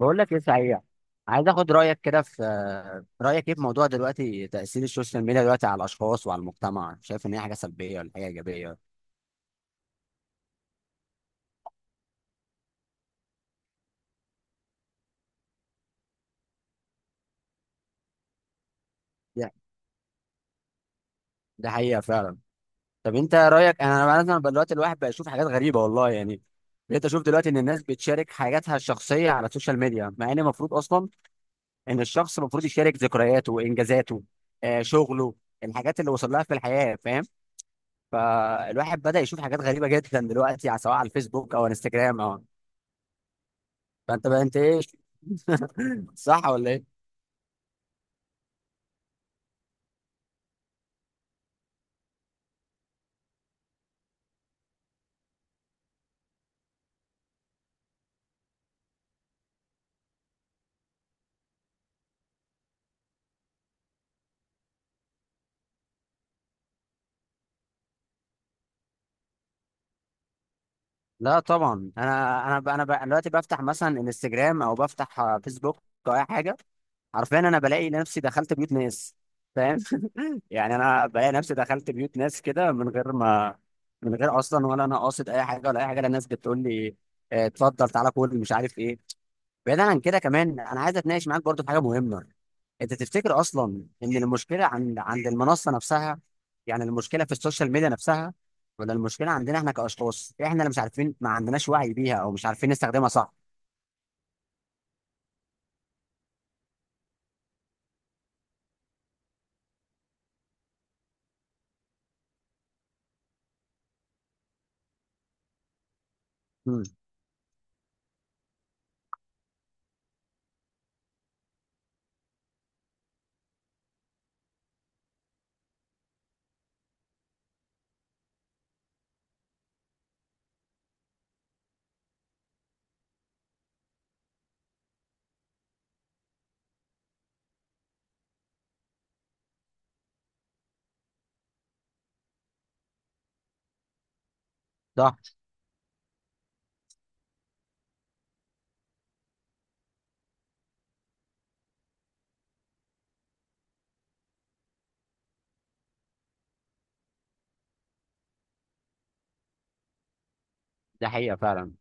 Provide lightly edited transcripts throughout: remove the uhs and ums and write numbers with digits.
بقول لك ايه صحيح. عايز اخد رايك كده في رايك ايه في موضوع دلوقتي تاثير السوشيال ميديا دلوقتي على الاشخاص وعلى المجتمع، شايف ان هي حاجه سلبيه ولا حاجه ايجابيه؟ ده ده حقيقه فعلا. طب انت رايك، انا مثلا بقى دلوقتي الواحد بقى يشوف حاجات غريبه والله، يعني بقيت اشوف دلوقتي ان الناس بتشارك حاجاتها الشخصيه على السوشيال ميديا، مع ان المفروض اصلا ان الشخص المفروض يشارك ذكرياته وانجازاته، آه شغله الحاجات اللي وصل لها في الحياه، فاهم؟ فالواحد بدا يشوف حاجات غريبه جدا دلوقتي سواء على الفيسبوك او انستجرام او فانت بقى انت ايه؟ صح ولا ايه؟ لا طبعا، أنا دلوقتي بفتح مثلا انستجرام او بفتح فيسبوك او اي حاجه، حرفيا انا بلاقي نفسي دخلت بيوت ناس، فاهم؟ يعني انا بلاقي نفسي دخلت بيوت ناس كده من غير اصلا ولا انا قاصد اي حاجه ولا اي حاجه، لا الناس بتقول لي آه، اتفضل تعالى كل مش عارف ايه. بعيدا عن كده كمان، انا عايز اتناقش معاك برضو في حاجه مهمه. انت تفتكر اصلا ان المشكله عند المنصه نفسها، يعني المشكله في السوشيال ميديا نفسها، ولا المشكله عندنا احنا كاشخاص، احنا اللي مش عارفين ما عندناش وعي بيها او مش عارفين نستخدمها صح؟ امم صح. ده حقيقه فعلا.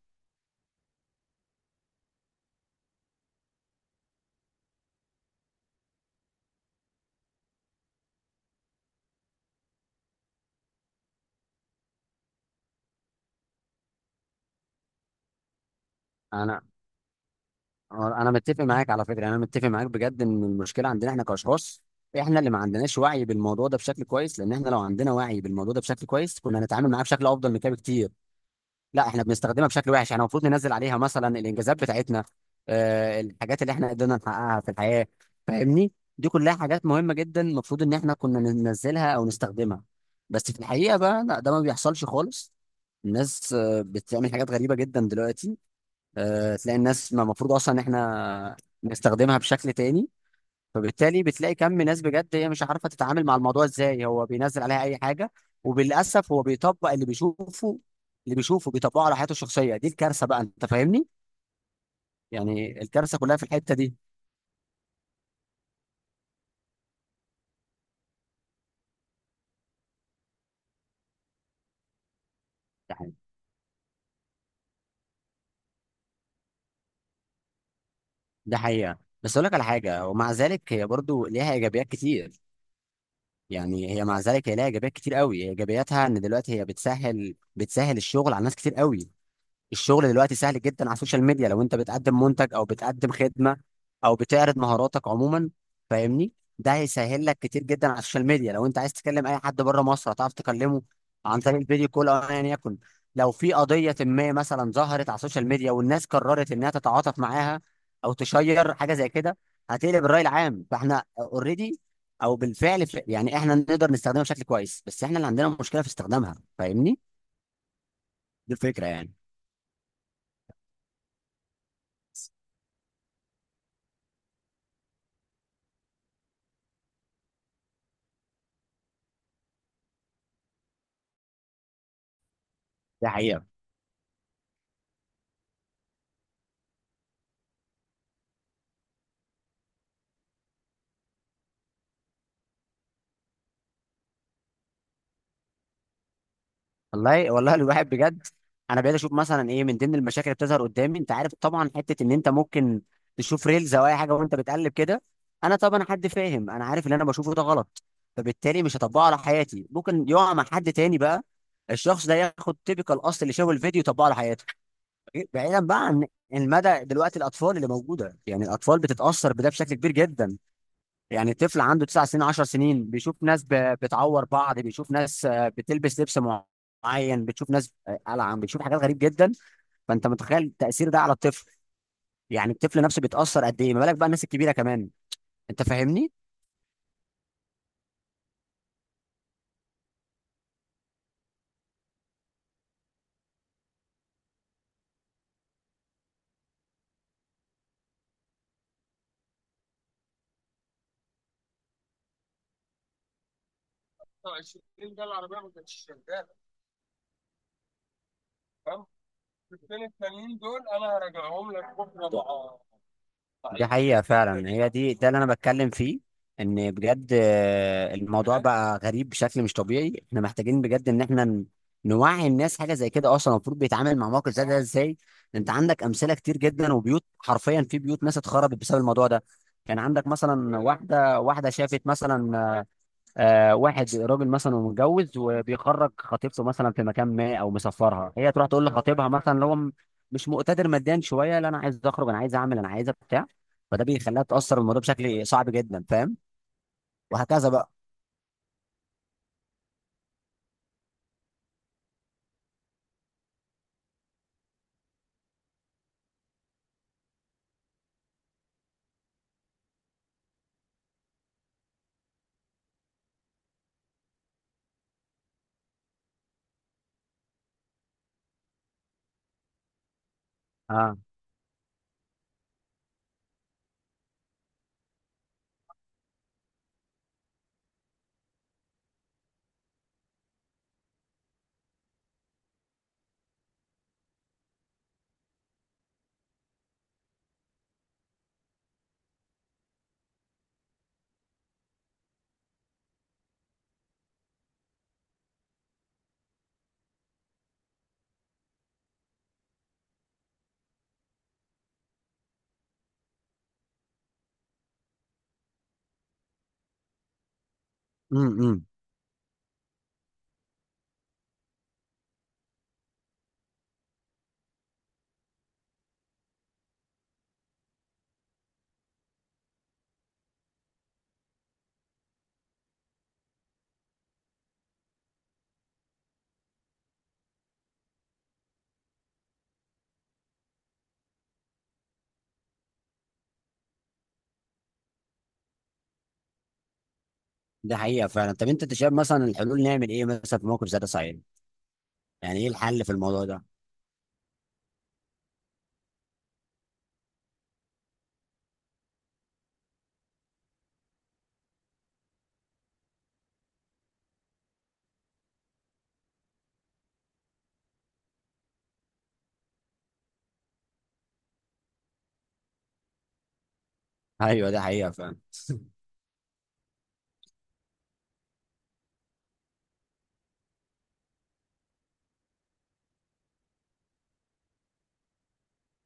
انا انا متفق معاك على فكره، انا متفق معاك بجد ان المشكله عندنا احنا كاشخاص، احنا اللي ما عندناش وعي بالموضوع ده بشكل كويس، لان احنا لو عندنا وعي بالموضوع ده بشكل كويس كنا هنتعامل معاه بشكل افضل من كده بكتير. لا احنا بنستخدمها بشكل وحش، احنا المفروض ننزل عليها مثلا الانجازات بتاعتنا، الحاجات اللي احنا قدرنا نحققها في الحياة، فاهمني؟ دي كلها حاجات مهمة جدا المفروض ان احنا كنا ننزلها او نستخدمها، بس في الحقيقة بقى لا ده ما بيحصلش خالص. الناس بتعمل حاجات غريبة جدا دلوقتي، تلاقي الناس ما المفروض اصلا ان احنا نستخدمها بشكل تاني. فبالتالي بتلاقي كم ناس بجد هي مش عارفه تتعامل مع الموضوع ازاي، هو بينزل عليها اي حاجه وبالاسف هو بيطبق اللي بيشوفه، اللي بيشوفه بيطبقه على حياته الشخصيه. دي الكارثه بقى، انت فاهمني؟ يعني الكارثه كلها في الحته دي. ده حقيقة. ده حقيقة. بس اقول لك على حاجه، ومع ذلك هي برضو ليها ايجابيات كتير. يعني هي مع ذلك هي ليها ايجابيات كتير قوي، هي ايجابياتها ان دلوقتي هي بتسهل الشغل على ناس كتير قوي. الشغل دلوقتي سهل جدا على السوشيال ميديا، لو انت بتقدم منتج او بتقدم خدمه او بتعرض مهاراتك عموما، فاهمني؟ ده هيسهل لك كتير جدا. على السوشيال ميديا لو انت عايز تكلم اي حد بره مصر هتعرف تكلمه عن طريق الفيديو كول او ايا يكن. لو في قضيه ما مثلا ظهرت على السوشيال ميديا والناس قررت انها تتعاطف معاها او تشير حاجه زي كده هتقلب الراي العام. فاحنا اوريدي او بالفعل يعني احنا نقدر نستخدمها بشكل كويس، بس احنا اللي عندنا مشكله في استخدامها، فاهمني؟ دي الفكره يعني. ده حقيقة. والله والله الواحد بجد، انا بقيت اشوف مثلا ايه من ضمن المشاكل اللي بتظهر قدامي، انت عارف طبعا حته ان انت ممكن تشوف ريلز او اي حاجه وانت بتقلب كده. انا طبعا حد فاهم، انا عارف اللي انا بشوفه ده غلط، فبالتالي مش هطبقه على حياتي. ممكن يقع مع حد تاني بقى، الشخص ده ياخد تيبيكال الاصل اللي شافه الفيديو يطبقه على حياته. بعيدا بقى عن المدى، دلوقتي الاطفال اللي موجوده، يعني الاطفال بتتاثر بده بشكل كبير جدا. يعني طفل عنده 9 سنين 10 سنين بيشوف ناس بتعور بعض، بيشوف ناس بتلبس لبس معين، بتشوف ناس قلعان، بتشوف حاجات غريب جدا. فانت متخيل التأثير ده على الطفل؟ يعني الطفل نفسه بيتأثر قد ايه، ما بالك بقى الناس الكبيرة كمان، انت فاهمني؟ دي حقيقة فعلا، هي دي ده اللي انا بتكلم فيه. ان بجد الموضوع بقى غريب بشكل مش طبيعي. احنا محتاجين بجد ان احنا نوعي الناس حاجة زي كده، اصلا المفروض بيتعامل مع موقف زي ده ازاي. انت عندك امثلة كتير جدا وبيوت، حرفيا في بيوت ناس اتخربت بسبب الموضوع ده. كان عندك مثلا واحدة شافت مثلا آه واحد راجل مثلا ومتجوز وبيخرج خطيبته مثلا في مكان ما او مسافرها، هي تروح تقول لخطيبها مثلا اللي هو مش مقتدر ماديا شويه، لا انا عايز اخرج انا عايز اعمل انا عايز بتاع، فده بيخليها تاثر الموضوع بشكل صعب جدا، فاهم؟ وهكذا بقى. اه. امم ده حقيقه فعلا. طب أنت شايف مثلا الحلول نعمل ايه مثلا في موقف زي ده صحيح؟ يعني ايه الحل في الموضوع ده؟ ايوه ده حقيقه فعلا.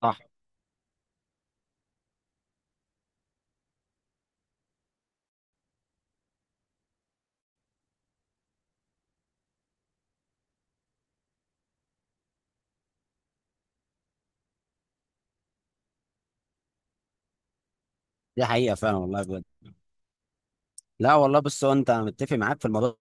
صح. دي حقيقه فعلا والله بجد. لا والله، بص هو انت متفق معاك في الموضوع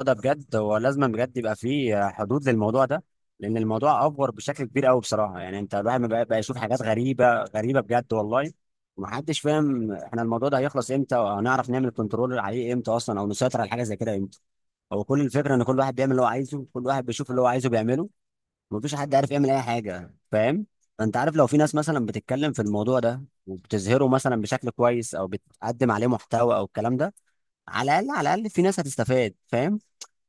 ده بجد، هو لازم بجد يبقى فيه حدود للموضوع ده، لان الموضوع افور بشكل كبير قوي بصراحه، يعني انت الواحد بقى يشوف حاجات غريبه غريبه بجد والله. ومحدش فاهم احنا الموضوع ده هيخلص امتى، وهنعرف نعمل كنترول عليه امتى اصلا او نسيطر على حاجه زي كده امتى. هو كل الفكره ان كل واحد بيعمل اللي هو عايزه، كل واحد بيشوف اللي هو عايزه بيعمله، مفيش حد عارف يعمل اي حاجه، فاهم؟ انت عارف، لو في ناس مثلا بتتكلم في الموضوع ده وبتظهره مثلا بشكل كويس او بتقدم عليه محتوى او الكلام ده، على الاقل على الاقل في ناس هتستفاد، فاهم؟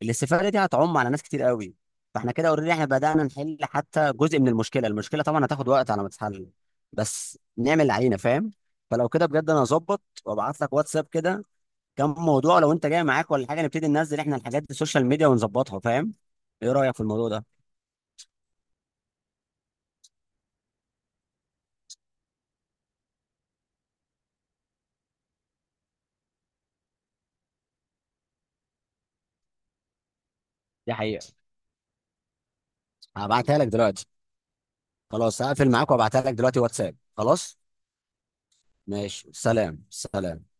الاستفاده دي هتعم على ناس كتير قوي. فاحنا كده اوريدي احنا بدانا نحل حتى جزء من المشكله. المشكله طبعا هتاخد وقت على ما تتحل، بس نعمل العينه، فاهم؟ فلو كده بجد، انا هظبط وابعت لك واتساب كده كم موضوع، لو انت جاي معاك ولا حاجه نبتدي ننزل احنا الحاجات دي السوشيال ميديا ونظبطها، فاهم؟ ايه رايك في الموضوع ده؟ دي حقيقة. هبعتها لك دلوقتي. خلاص هقفل معاك وابعتها لك دلوقتي واتساب خلاص. ماشي، سلام سلام.